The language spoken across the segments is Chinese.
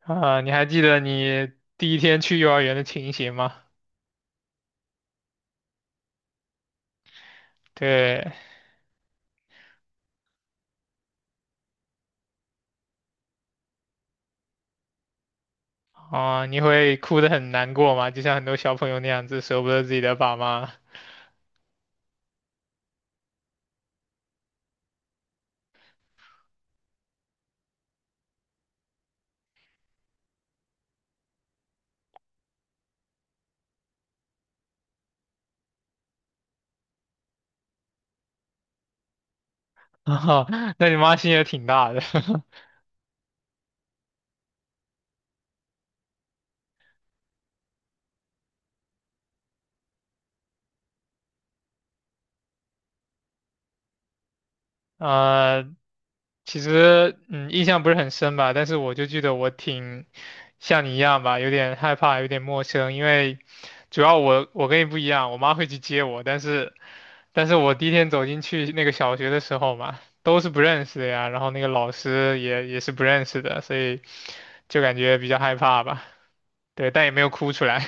啊，你还记得你第一天去幼儿园的情形吗？对。啊，你会哭得很难过吗？就像很多小朋友那样子，舍不得自己的爸妈。啊，那你妈心也挺大的。呃，其实印象不是很深吧，但是我就记得我挺像你一样吧，有点害怕，有点陌生，因为主要我跟你不一样，我妈会去接我，但是我第一天走进去那个小学的时候嘛，都是不认识的呀，然后那个老师也是不认识的，所以就感觉比较害怕吧，对，但也没有哭出来。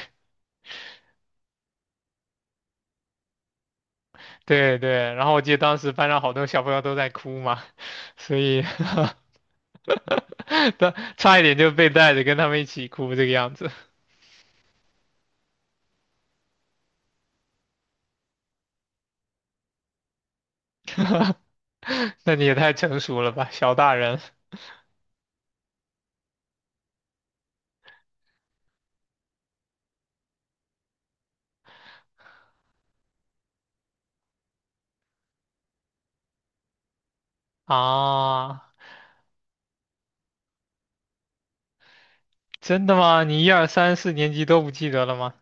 对对，然后我记得当时班上好多小朋友都在哭嘛，所以 他差一点就被带着跟他们一起哭这个样子。那你也太成熟了吧，小大人啊！真的吗？你一二三四年级都不记得了吗？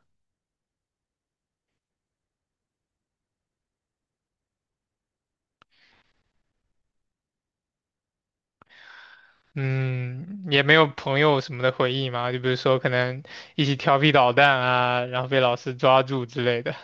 嗯，也没有朋友什么的回忆吗？就比如说可能一起调皮捣蛋啊，然后被老师抓住之类的。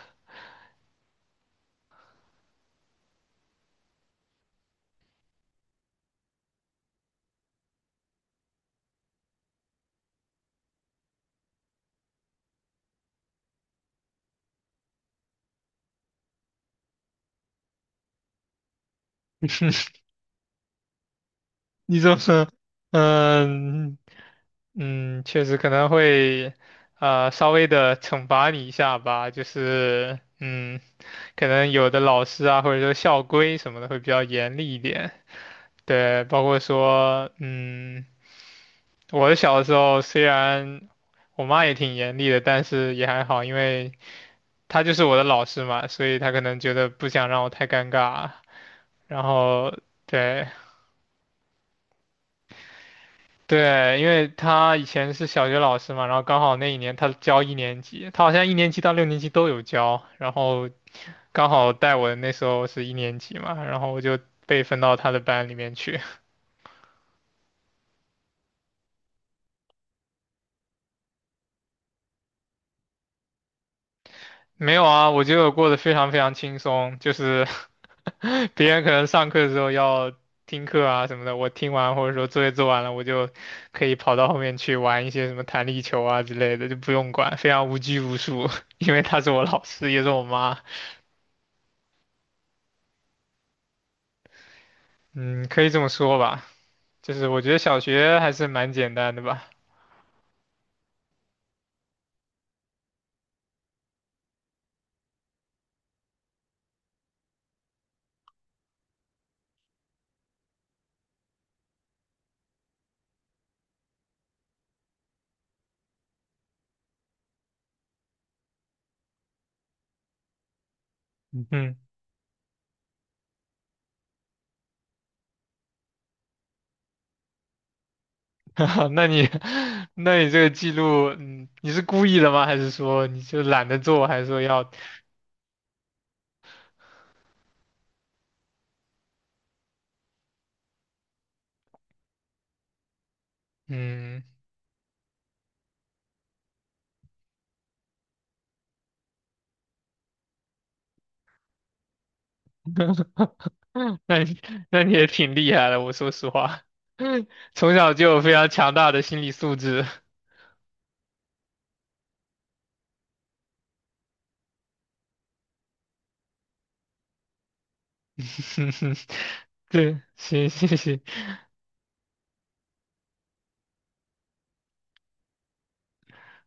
你怎么，嗯确实可能会，稍微的惩罚你一下吧，就是，可能有的老师啊，或者说校规什么的会比较严厉一点。对，包括说，我的小的时候虽然我妈也挺严厉的，但是也还好，因为她就是我的老师嘛，所以她可能觉得不想让我太尴尬，然后对。对，因为他以前是小学老师嘛，然后刚好那一年他教一年级，他好像一年级到六年级都有教，然后刚好带我的那时候是一年级嘛，然后我就被分到他的班里面去。没有啊，我觉得我过得非常非常轻松，就是 别人可能上课的时候要听课啊什么的，我听完或者说作业做完了，我就可以跑到后面去玩一些什么弹力球啊之类的，就不用管，非常无拘无束，因为他是我老师，也是我妈。嗯，可以这么说吧，就是我觉得小学还是蛮简单的吧。嗯。那你，那你这个记录，嗯，你是故意的吗？还是说你就懒得做？还是说要，嗯，嗯 那你也挺厉害的，我说实话。从小就有非常强大的心理素质。对，行行行。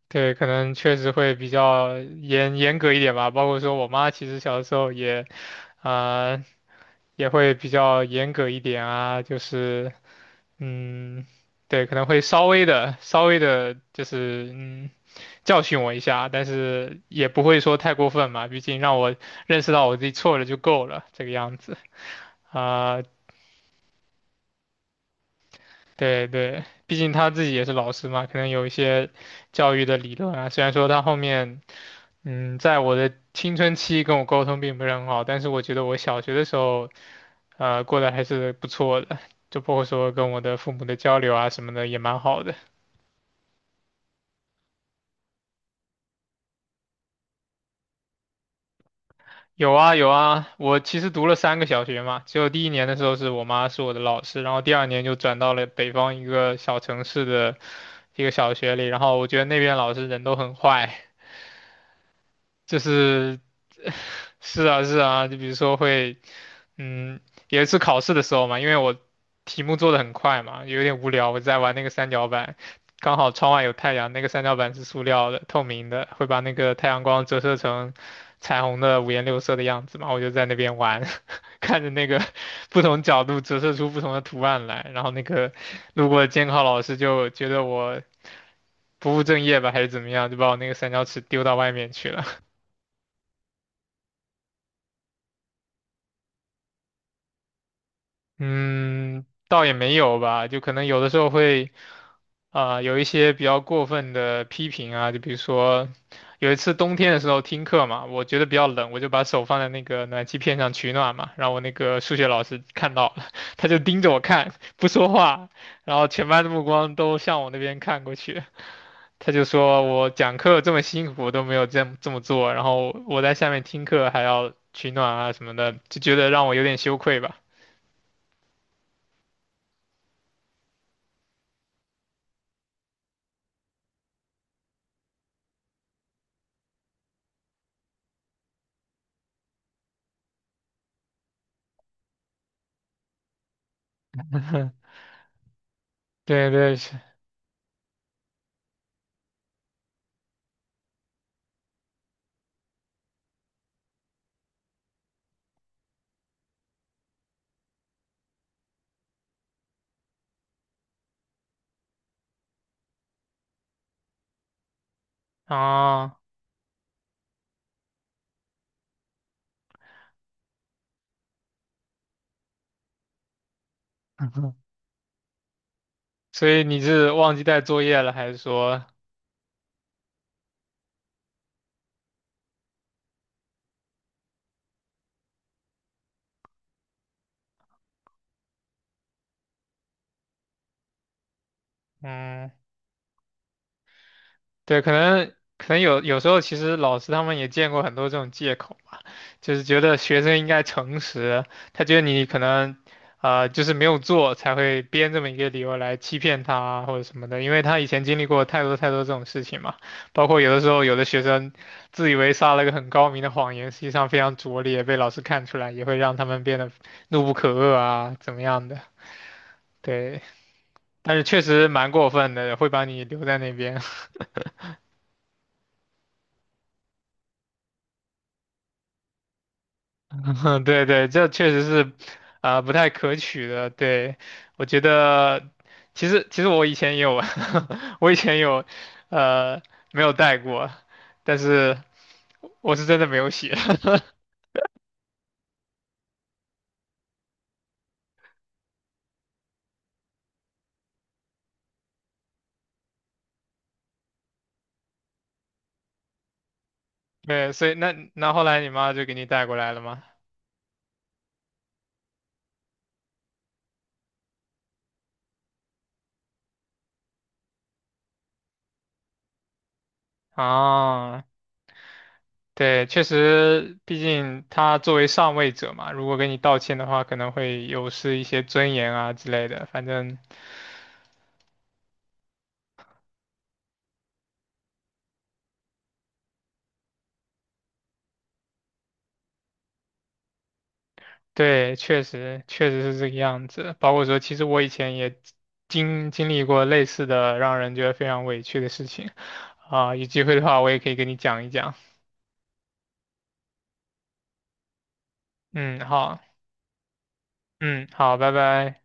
对，可能确实会比较严格一点吧。包括说我妈其实小的时候也，啊、也会比较严格一点啊，就是嗯，对，可能会稍微的，就是嗯，教训我一下，但是也不会说太过分嘛，毕竟让我认识到我自己错了就够了，这个样子。啊、对对，毕竟他自己也是老师嘛，可能有一些教育的理论啊，虽然说他后面。嗯，在我的青春期跟我沟通并不是很好，但是我觉得我小学的时候，过得还是不错的，就包括说跟我的父母的交流啊什么的也蛮好的。有啊有啊，我其实读了三个小学嘛，只有第一年的时候是我妈是我的老师，然后第二年就转到了北方一个小城市的一个小学里，然后我觉得那边老师人都很坏，就是 是啊是啊，就比如说会，嗯，有一次考试的时候嘛，因为我题目做的很快嘛，有点无聊，我在玩那个三角板，刚好窗外有太阳，那个三角板是塑料的，透明的，会把那个太阳光折射成彩虹的五颜六色的样子嘛，我就在那边玩。看着那个 不同角度折射出不同的图案来，然后那个路过的监考老师就觉得我不务正业吧，还是怎么样，就把我那个三角尺丢到外面去了。嗯，倒也没有吧，就可能有的时候会啊、有一些比较过分的批评啊，就比如说有一次冬天的时候听课嘛，我觉得比较冷，我就把手放在那个暖气片上取暖嘛，然后我那个数学老师看到了，他就盯着我看，不说话，然后全班的目光都向我那边看过去，他就说我讲课这么辛苦都没有这么做，然后我在下面听课还要取暖啊什么的，就觉得让我有点羞愧吧。对对。啊。所以你是忘记带作业了，还是说，嗯，对，可能有时候其实老师他们也见过很多这种借口吧，就是觉得学生应该诚实，他觉得你可能就是没有做才会编这么一个理由来欺骗他啊或者什么的，因为他以前经历过太多太多这种事情嘛，包括有的时候有的学生自以为撒了个很高明的谎言，实际上非常拙劣，被老师看出来也会让他们变得怒不可遏啊，怎么样的，对。但是确实蛮过分的，会把你留在那边。对对，这确实是，啊、不太可取的。对，我觉得，其实我以前也有，我以前有，呃，没有带过，但是我是真的没有写。对，所以那后来你妈就给你带过来了吗？啊，对，确实，毕竟他作为上位者嘛，如果给你道歉的话，可能会有失一些尊严啊之类的。反正对，确实确实是这个样子。包括说，其实我以前也经历过类似的让人觉得非常委屈的事情啊，有机会的话我也可以跟你讲一讲。嗯，好。嗯，好，拜拜。